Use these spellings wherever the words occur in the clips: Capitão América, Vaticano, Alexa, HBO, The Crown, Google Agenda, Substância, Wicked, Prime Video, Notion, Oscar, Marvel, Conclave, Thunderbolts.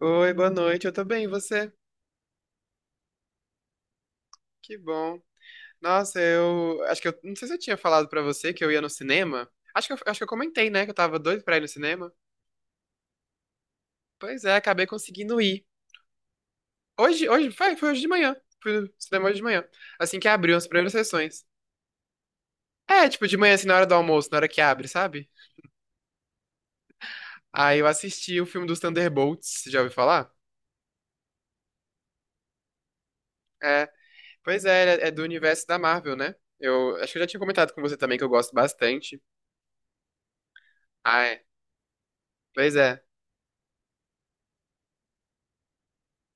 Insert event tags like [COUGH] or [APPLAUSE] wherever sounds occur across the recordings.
Oi, boa noite. Eu tô bem, e você? Que bom. Nossa, eu acho que eu não sei se eu tinha falado pra você que eu ia no cinema. Acho que eu comentei, né, que eu tava doido pra ir no cinema. Pois é, acabei conseguindo ir. Foi hoje de manhã. Fui no cinema hoje de manhã, assim que abriu as primeiras sessões. É, tipo de manhã assim na hora do almoço, na hora que abre, sabe? Aí eu assisti o filme dos Thunderbolts, já ouviu falar? É, pois é, é do universo da Marvel, né? Eu acho que eu já tinha comentado com você também que eu gosto bastante. Ah, é. Pois é.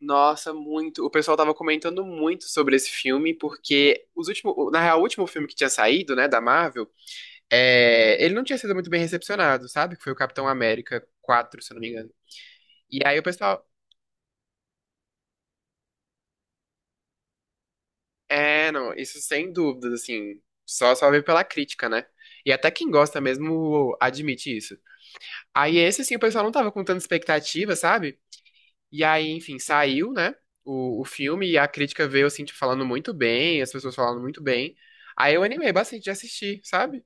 Nossa, muito. O pessoal tava comentando muito sobre esse filme, porque os últimos, na real, o último filme que tinha saído, né, da Marvel, é, ele não tinha sido muito bem recepcionado, sabe? Que foi o Capitão América 4, se eu não me engano. E aí o pessoal, é, não, isso sem dúvidas, assim, só veio pela crítica, né? E até quem gosta mesmo admite isso. Aí esse, assim, o pessoal não tava com tanta expectativa, sabe? E aí, enfim, saiu, né? O filme e a crítica veio, assim, tipo, falando muito bem, as pessoas falando muito bem. Aí eu animei bastante de assistir, sabe?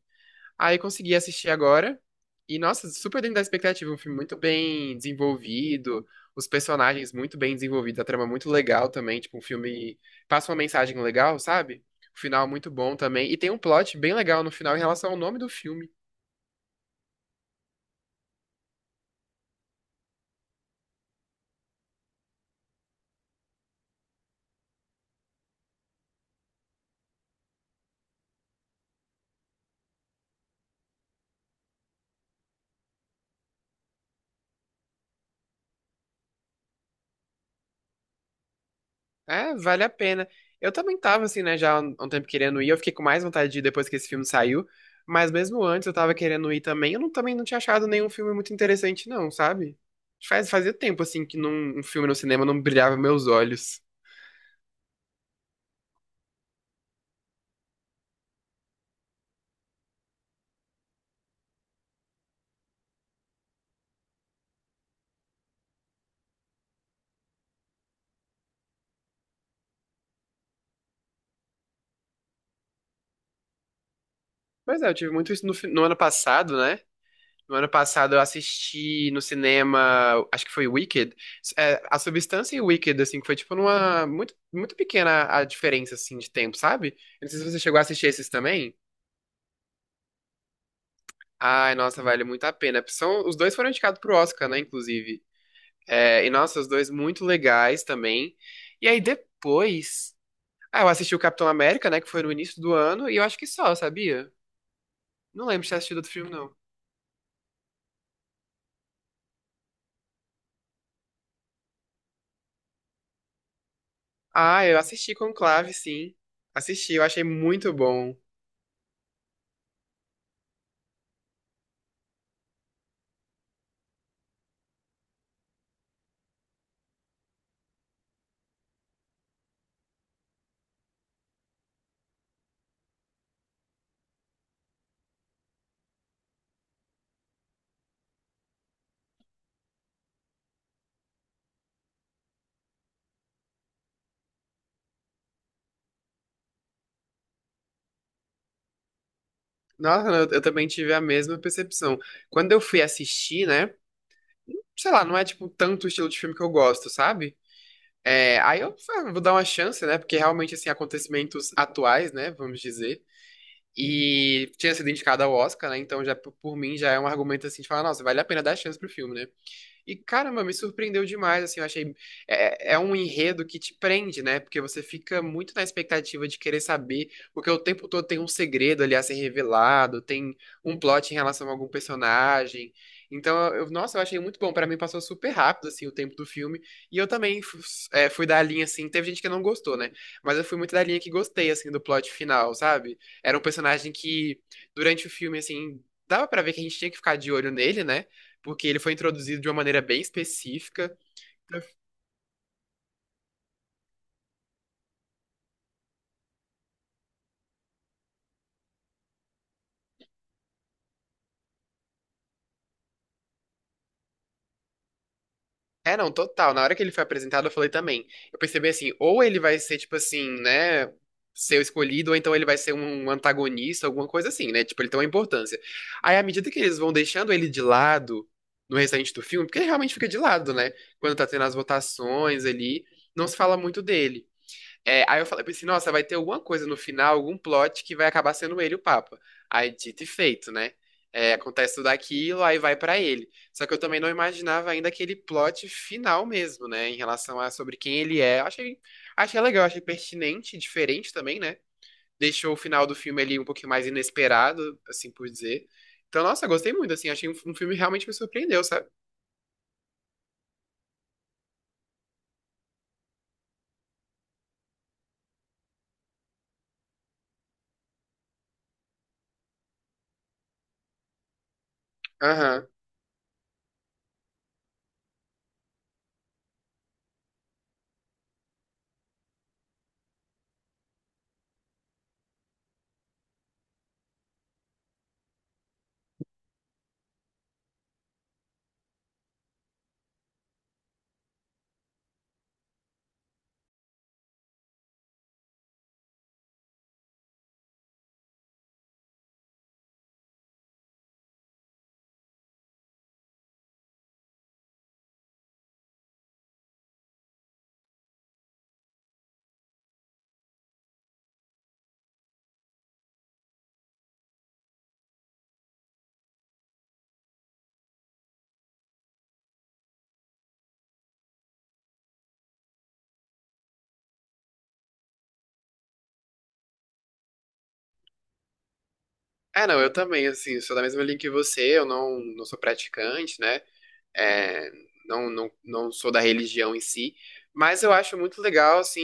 Aí consegui assistir agora. E, nossa, super dentro da expectativa. Um filme muito bem desenvolvido, os personagens muito bem desenvolvidos, a trama muito legal também. Tipo, um filme passa uma mensagem legal, sabe? O final muito bom também. E tem um plot bem legal no final em relação ao nome do filme. É, vale a pena. Eu também tava, assim, né, já há um tempo querendo ir. Eu fiquei com mais vontade de ir depois que esse filme saiu. Mas mesmo antes eu tava querendo ir também. Eu não, também não tinha achado nenhum filme muito interessante, não, sabe? Fazia tempo, assim, que num, um filme no cinema não brilhava meus olhos. Mas é, eu tive muito isso no ano passado, né? No ano passado eu assisti no cinema, acho que foi Wicked. É, a Substância e Wicked, assim, que foi tipo numa. Muito pequena a diferença, assim, de tempo, sabe? Eu não sei se você chegou a assistir esses também. Ai, nossa, vale muito a pena. São, os dois foram indicados pro Oscar, né, inclusive. É, e, nossa, os dois muito legais também. E aí, depois... Ah, eu assisti o Capitão América, né, que foi no início do ano, e eu acho que só, sabia? Não lembro de ter assistido outro filme, não. Ah, eu assisti Conclave, sim. Assisti, eu achei muito bom. Nossa, eu também tive a mesma percepção. Quando eu fui assistir, né, sei lá, não é, tipo, tanto o estilo de filme que eu gosto, sabe? É, aí eu ah, vou dar uma chance, né? Porque realmente, assim, acontecimentos atuais, né? Vamos dizer. E tinha sido indicado ao Oscar, né? Então, já por mim, já é um argumento, assim, de falar, nossa, vale a pena dar chance pro filme, né? E caramba, me surpreendeu demais, assim, eu achei. É, é um enredo que te prende, né? Porque você fica muito na expectativa de querer saber, porque o tempo todo tem um segredo ali a ser revelado, tem um plot em relação a algum personagem. Então, eu, nossa, eu achei muito bom. Pra mim passou super rápido, assim, o tempo do filme. E eu também é, fui da linha, assim, teve gente que não gostou, né? Mas eu fui muito da linha que gostei, assim, do plot final, sabe? Era um personagem que, durante o filme, assim, dava pra ver que a gente tinha que ficar de olho nele, né? Porque ele foi introduzido de uma maneira bem específica. É, não, total. Na hora que ele foi apresentado, eu falei também. Eu percebi assim, ou ele vai ser, tipo assim, né? Ser o escolhido, ou então ele vai ser um antagonista, alguma coisa assim, né? Tipo, ele tem uma importância. Aí, à medida que eles vão deixando ele de lado no restante do filme, porque ele realmente fica de lado, né? Quando tá tendo as votações ali, não se fala muito dele. É, pensei, nossa, vai ter alguma coisa no final, algum plot que vai acabar sendo ele o Papa. Aí, dito e feito, né? É, acontece tudo aquilo, aí vai pra ele. Só que eu também não imaginava ainda aquele plot final mesmo, né? Em relação a sobre quem ele é. Achei legal, achei pertinente, diferente também, né? Deixou o final do filme ali um pouquinho mais inesperado, assim por dizer. Então, nossa, gostei muito, assim, achei um filme que realmente me surpreendeu, sabe? Aham. É, não, eu também, assim, sou da mesma linha que você, eu não, não sou praticante, né? É, não sou da religião em si, mas eu acho muito legal, assim,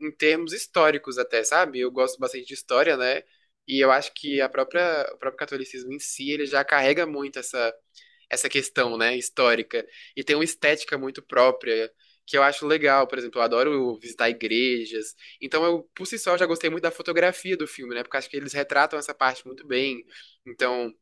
em termos históricos até, sabe? Eu gosto bastante de história, né? E eu acho que o próprio catolicismo em si, ele já carrega muito essa questão, né, histórica. E tem uma estética muito própria, que eu acho legal. Por exemplo, eu adoro visitar igrejas. Então, eu, por si só, já gostei muito da fotografia do filme, né? Porque eu acho que eles retratam essa parte muito bem. Então,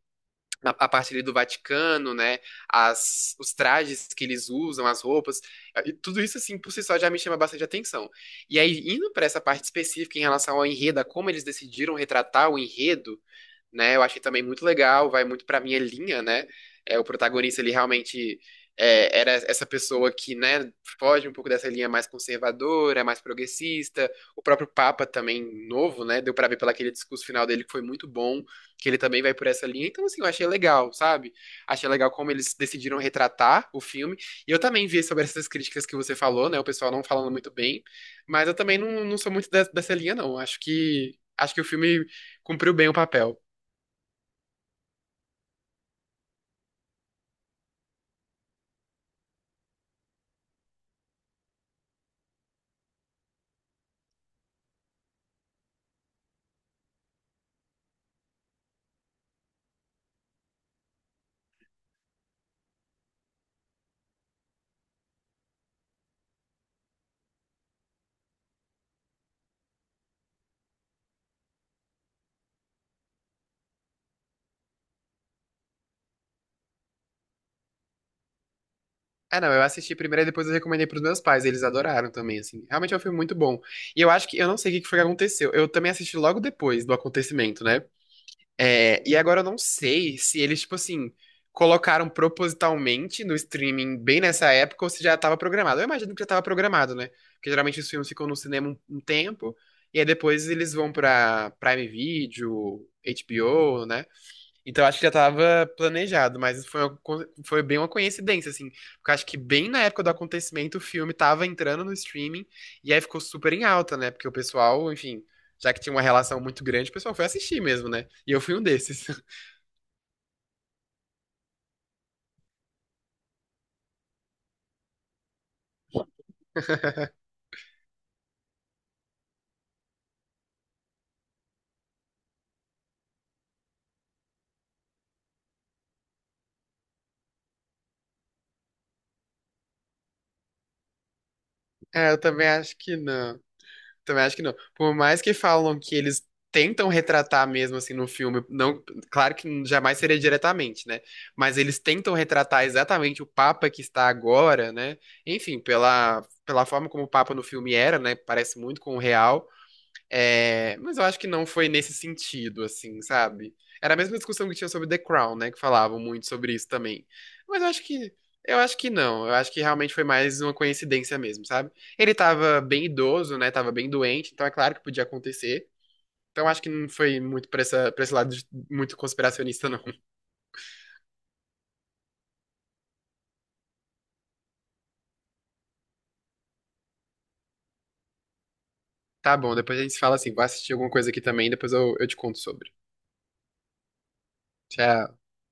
a parte ali do Vaticano, né? Os trajes que eles usam, as roupas, e tudo isso assim por si só já me chama bastante atenção. E aí indo para essa parte específica em relação ao enredo, a como eles decidiram retratar o enredo, né? Eu achei também muito legal, vai muito pra minha linha, né? É, o protagonista, ele realmente é, era essa pessoa que, né, foge um pouco dessa linha mais conservadora, mais progressista. O próprio Papa também, novo, né? Deu pra ver pelo aquele discurso final dele que foi muito bom, que ele também vai por essa linha. Então, assim, eu achei legal, sabe? Achei legal como eles decidiram retratar o filme. E eu também vi sobre essas críticas que você falou, né? O pessoal não falando muito bem. Mas eu também não sou muito dessa linha, não. Acho que o filme cumpriu bem o papel. Ah, não, eu assisti primeiro e depois eu recomendei pros meus pais, eles adoraram também, assim. Realmente é um filme muito bom. E eu acho que, eu não sei o que que foi que aconteceu. Eu também assisti logo depois do acontecimento, né? É, e agora eu não sei se eles, tipo assim, colocaram propositalmente no streaming bem nessa época ou se já estava programado. Eu imagino que já estava programado, né? Porque geralmente os filmes ficam no cinema um tempo e aí depois eles vão pra Prime Video, HBO, né? Então acho que já estava planejado, mas foi bem uma coincidência, assim. Porque acho que bem na época do acontecimento o filme tava entrando no streaming e aí ficou super em alta, né? Porque o pessoal, enfim, já que tinha uma relação muito grande, o pessoal foi assistir mesmo, né? E eu fui um desses. [LAUGHS] É, eu também acho que não. Também acho que não. Por mais que falam que eles tentam retratar mesmo assim no filme, não, claro que jamais seria diretamente, né? Mas eles tentam retratar exatamente o Papa que está agora, né? Enfim, pela forma como o Papa no filme era, né? Parece muito com o real. É, mas eu acho que não foi nesse sentido, assim, sabe? Era a mesma discussão que tinha sobre The Crown, né? Que falavam muito sobre isso também. Mas eu acho que. Eu acho que não. Eu acho que realmente foi mais uma coincidência mesmo, sabe? Ele tava bem idoso, né? Tava bem doente, então é claro que podia acontecer. Então eu acho que não foi muito pra esse lado muito conspiracionista, [LAUGHS] não. Tá bom, depois a gente se fala assim. Vou assistir alguma coisa aqui também, eu te conto sobre. Tchau.